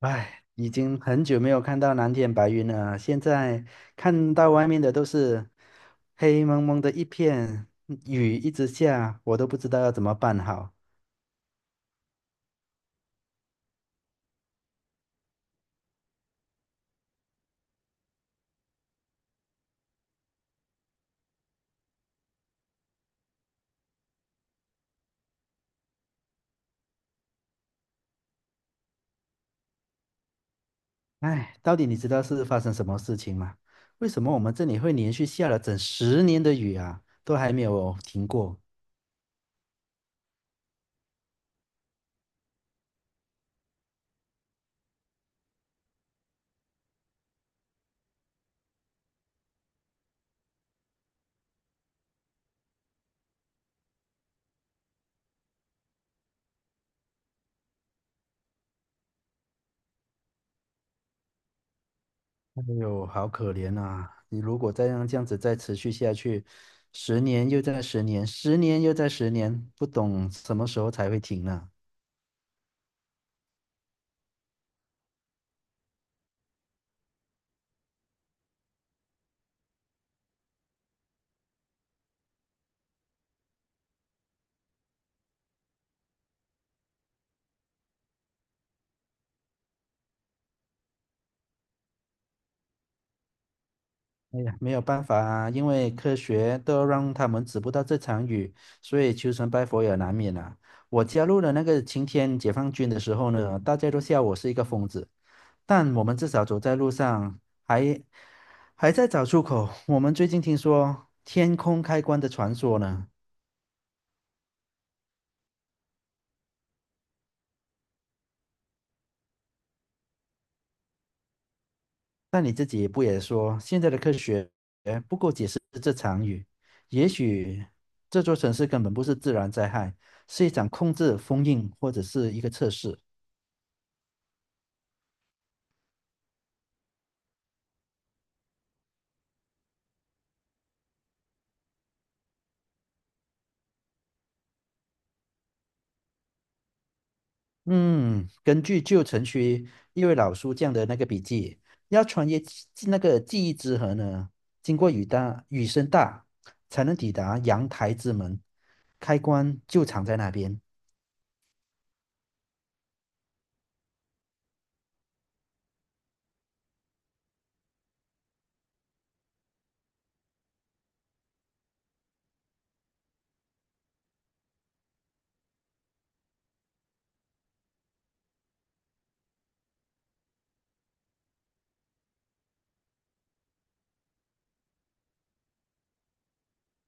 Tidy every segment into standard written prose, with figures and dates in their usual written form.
唉，已经很久没有看到蓝天白云了，现在看到外面的都是黑蒙蒙的一片，雨一直下，我都不知道要怎么办好。唉，到底你知道是发生什么事情吗？为什么我们这里会连续下了整十年的雨啊，都还没有停过？哎呦，好可怜啊！你如果再让这样子再持续下去，十年又再十年，十年又再十年，不懂什么时候才会停呢？哎呀，没有办法啊，因为科学都让他们止不到这场雨，所以求神拜佛也难免啊。我加入了那个晴天解放军的时候呢，大家都笑我是一个疯子，但我们至少走在路上还还在找出口。我们最近听说天空开关的传说呢，但你自己不也说现在的科学不够解释这场雨？也许这座城市根本不是自然灾害，是一场控制、封印或者是一个测试。嗯，根据旧城区一位老书匠的那个笔记，要穿越记那个记忆之河呢，经过雨大雨声大，才能抵达阳台之门，开关就藏在那边。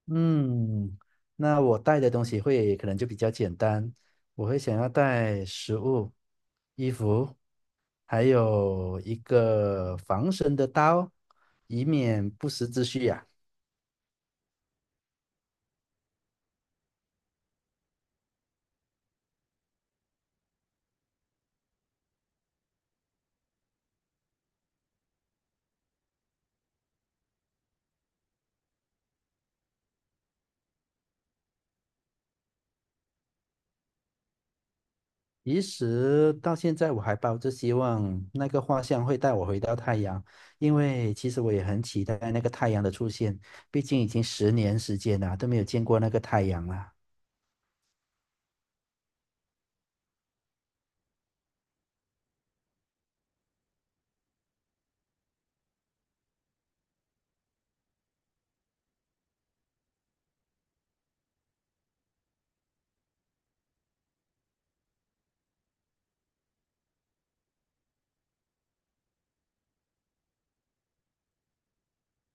嗯，那我带的东西会可能就比较简单，我会想要带食物、衣服，还有一个防身的刀，以免不时之需呀、其实到现在，我还抱着希望那个画像会带我回到太阳，因为其实我也很期待那个太阳的出现，毕竟已经10年时间了，都没有见过那个太阳了。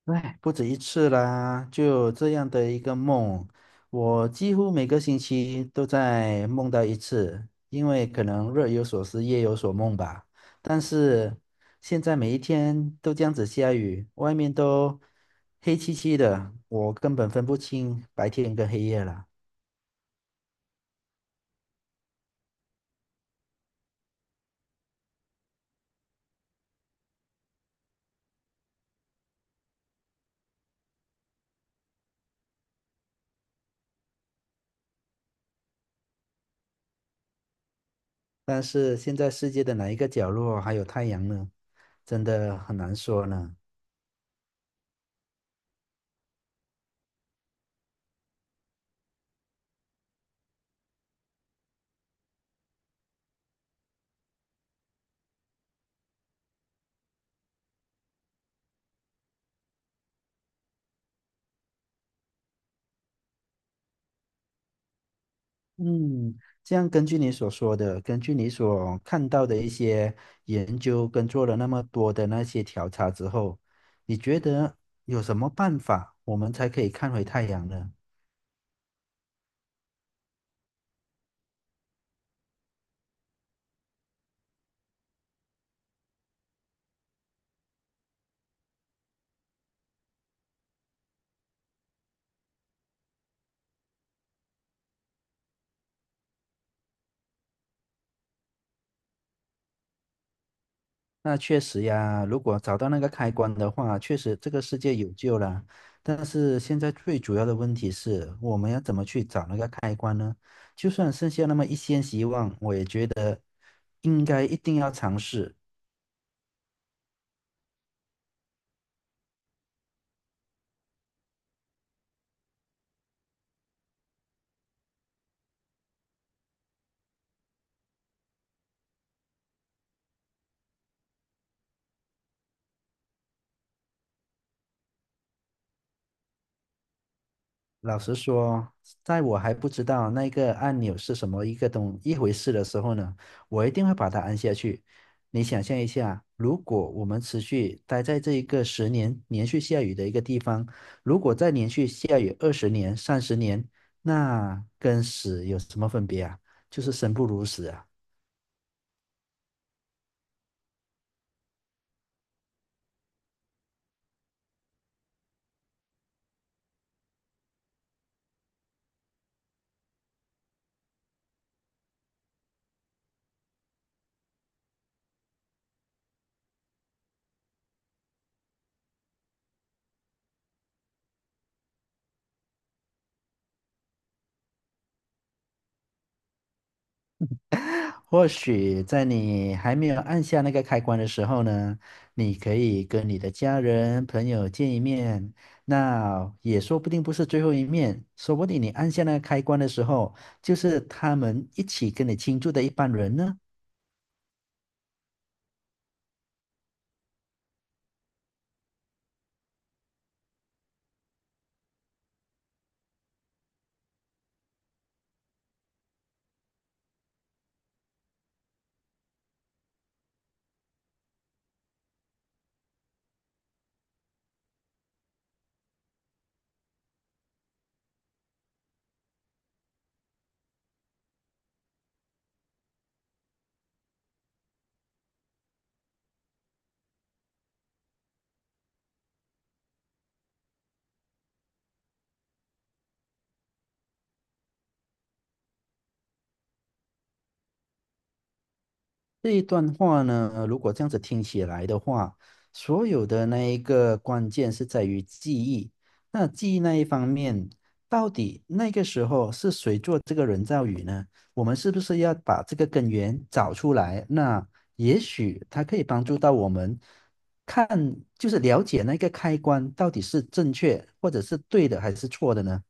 哎，不止一次啦，就有这样的一个梦，我几乎每个星期都在梦到一次，因为可能日有所思，夜有所梦吧。但是现在每一天都这样子下雨，外面都黑漆漆的，我根本分不清白天跟黑夜了。但是现在世界的哪一个角落还有太阳呢？真的很难说呢。嗯，这样根据你所说的，根据你所看到的一些研究跟做了那么多的那些调查之后，你觉得有什么办法我们才可以看回太阳呢？那确实呀，如果找到那个开关的话，确实这个世界有救了。但是现在最主要的问题是，我们要怎么去找那个开关呢？就算剩下那么一线希望，我也觉得应该一定要尝试。老实说，在我还不知道那个按钮是什么一个东一回事的时候呢，我一定会把它按下去。你想象一下，如果我们持续待在这一个十年连续下雨的一个地方，如果再连续下雨20年、30年，那跟死有什么分别啊？就是生不如死啊！或许在你还没有按下那个开关的时候呢，你可以跟你的家人、朋友见一面，那也说不定不是最后一面，说不定你按下那个开关的时候，就是他们一起跟你庆祝的一班人呢。这一段话呢，如果这样子听起来的话，所有的那一个关键是在于记忆。那记忆那一方面，到底那个时候是谁做这个人造雨呢？我们是不是要把这个根源找出来？那也许它可以帮助到我们看，就是了解那个开关到底是正确或者是对的还是错的呢？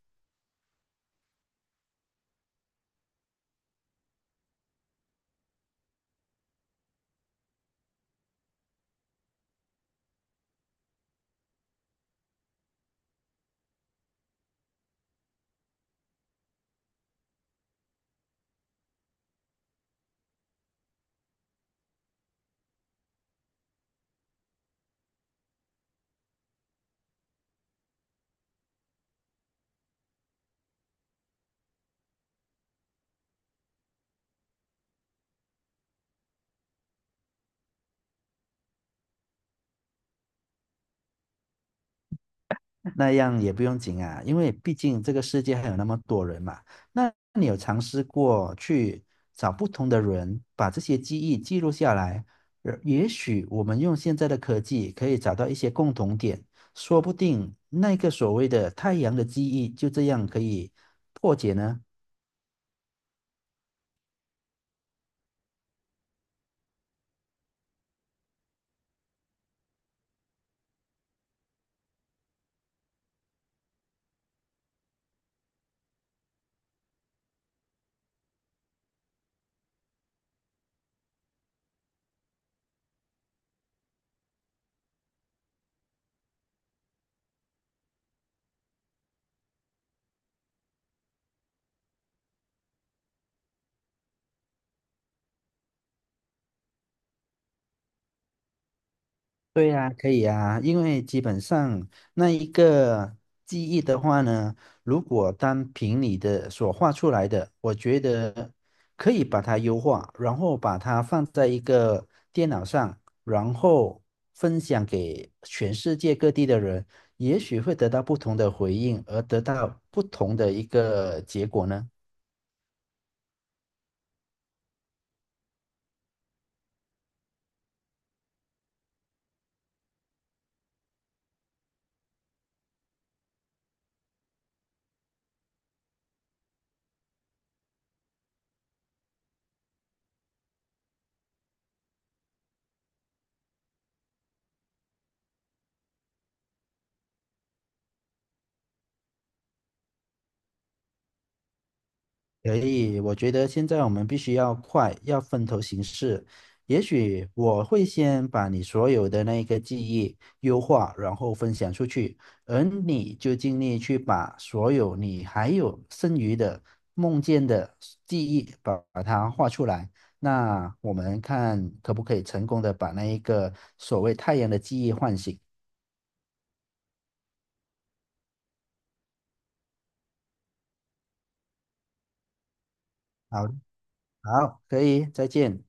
那样也不用紧啊，因为毕竟这个世界还有那么多人嘛。那你有尝试过去找不同的人，把这些记忆记录下来？也许我们用现在的科技可以找到一些共同点，说不定那个所谓的太阳的记忆就这样可以破解呢。对呀，可以呀，因为基本上那一个记忆的话呢，如果单凭你的所画出来的，我觉得可以把它优化，然后把它放在一个电脑上，然后分享给全世界各地的人，也许会得到不同的回应，而得到不同的一个结果呢。可以，我觉得现在我们必须要快，要分头行事。也许我会先把你所有的那个记忆优化，然后分享出去，而你就尽力去把所有你还有剩余的梦见的记忆把它画出来。那我们看可不可以成功的把那一个所谓太阳的记忆唤醒。好，好，可以，再见。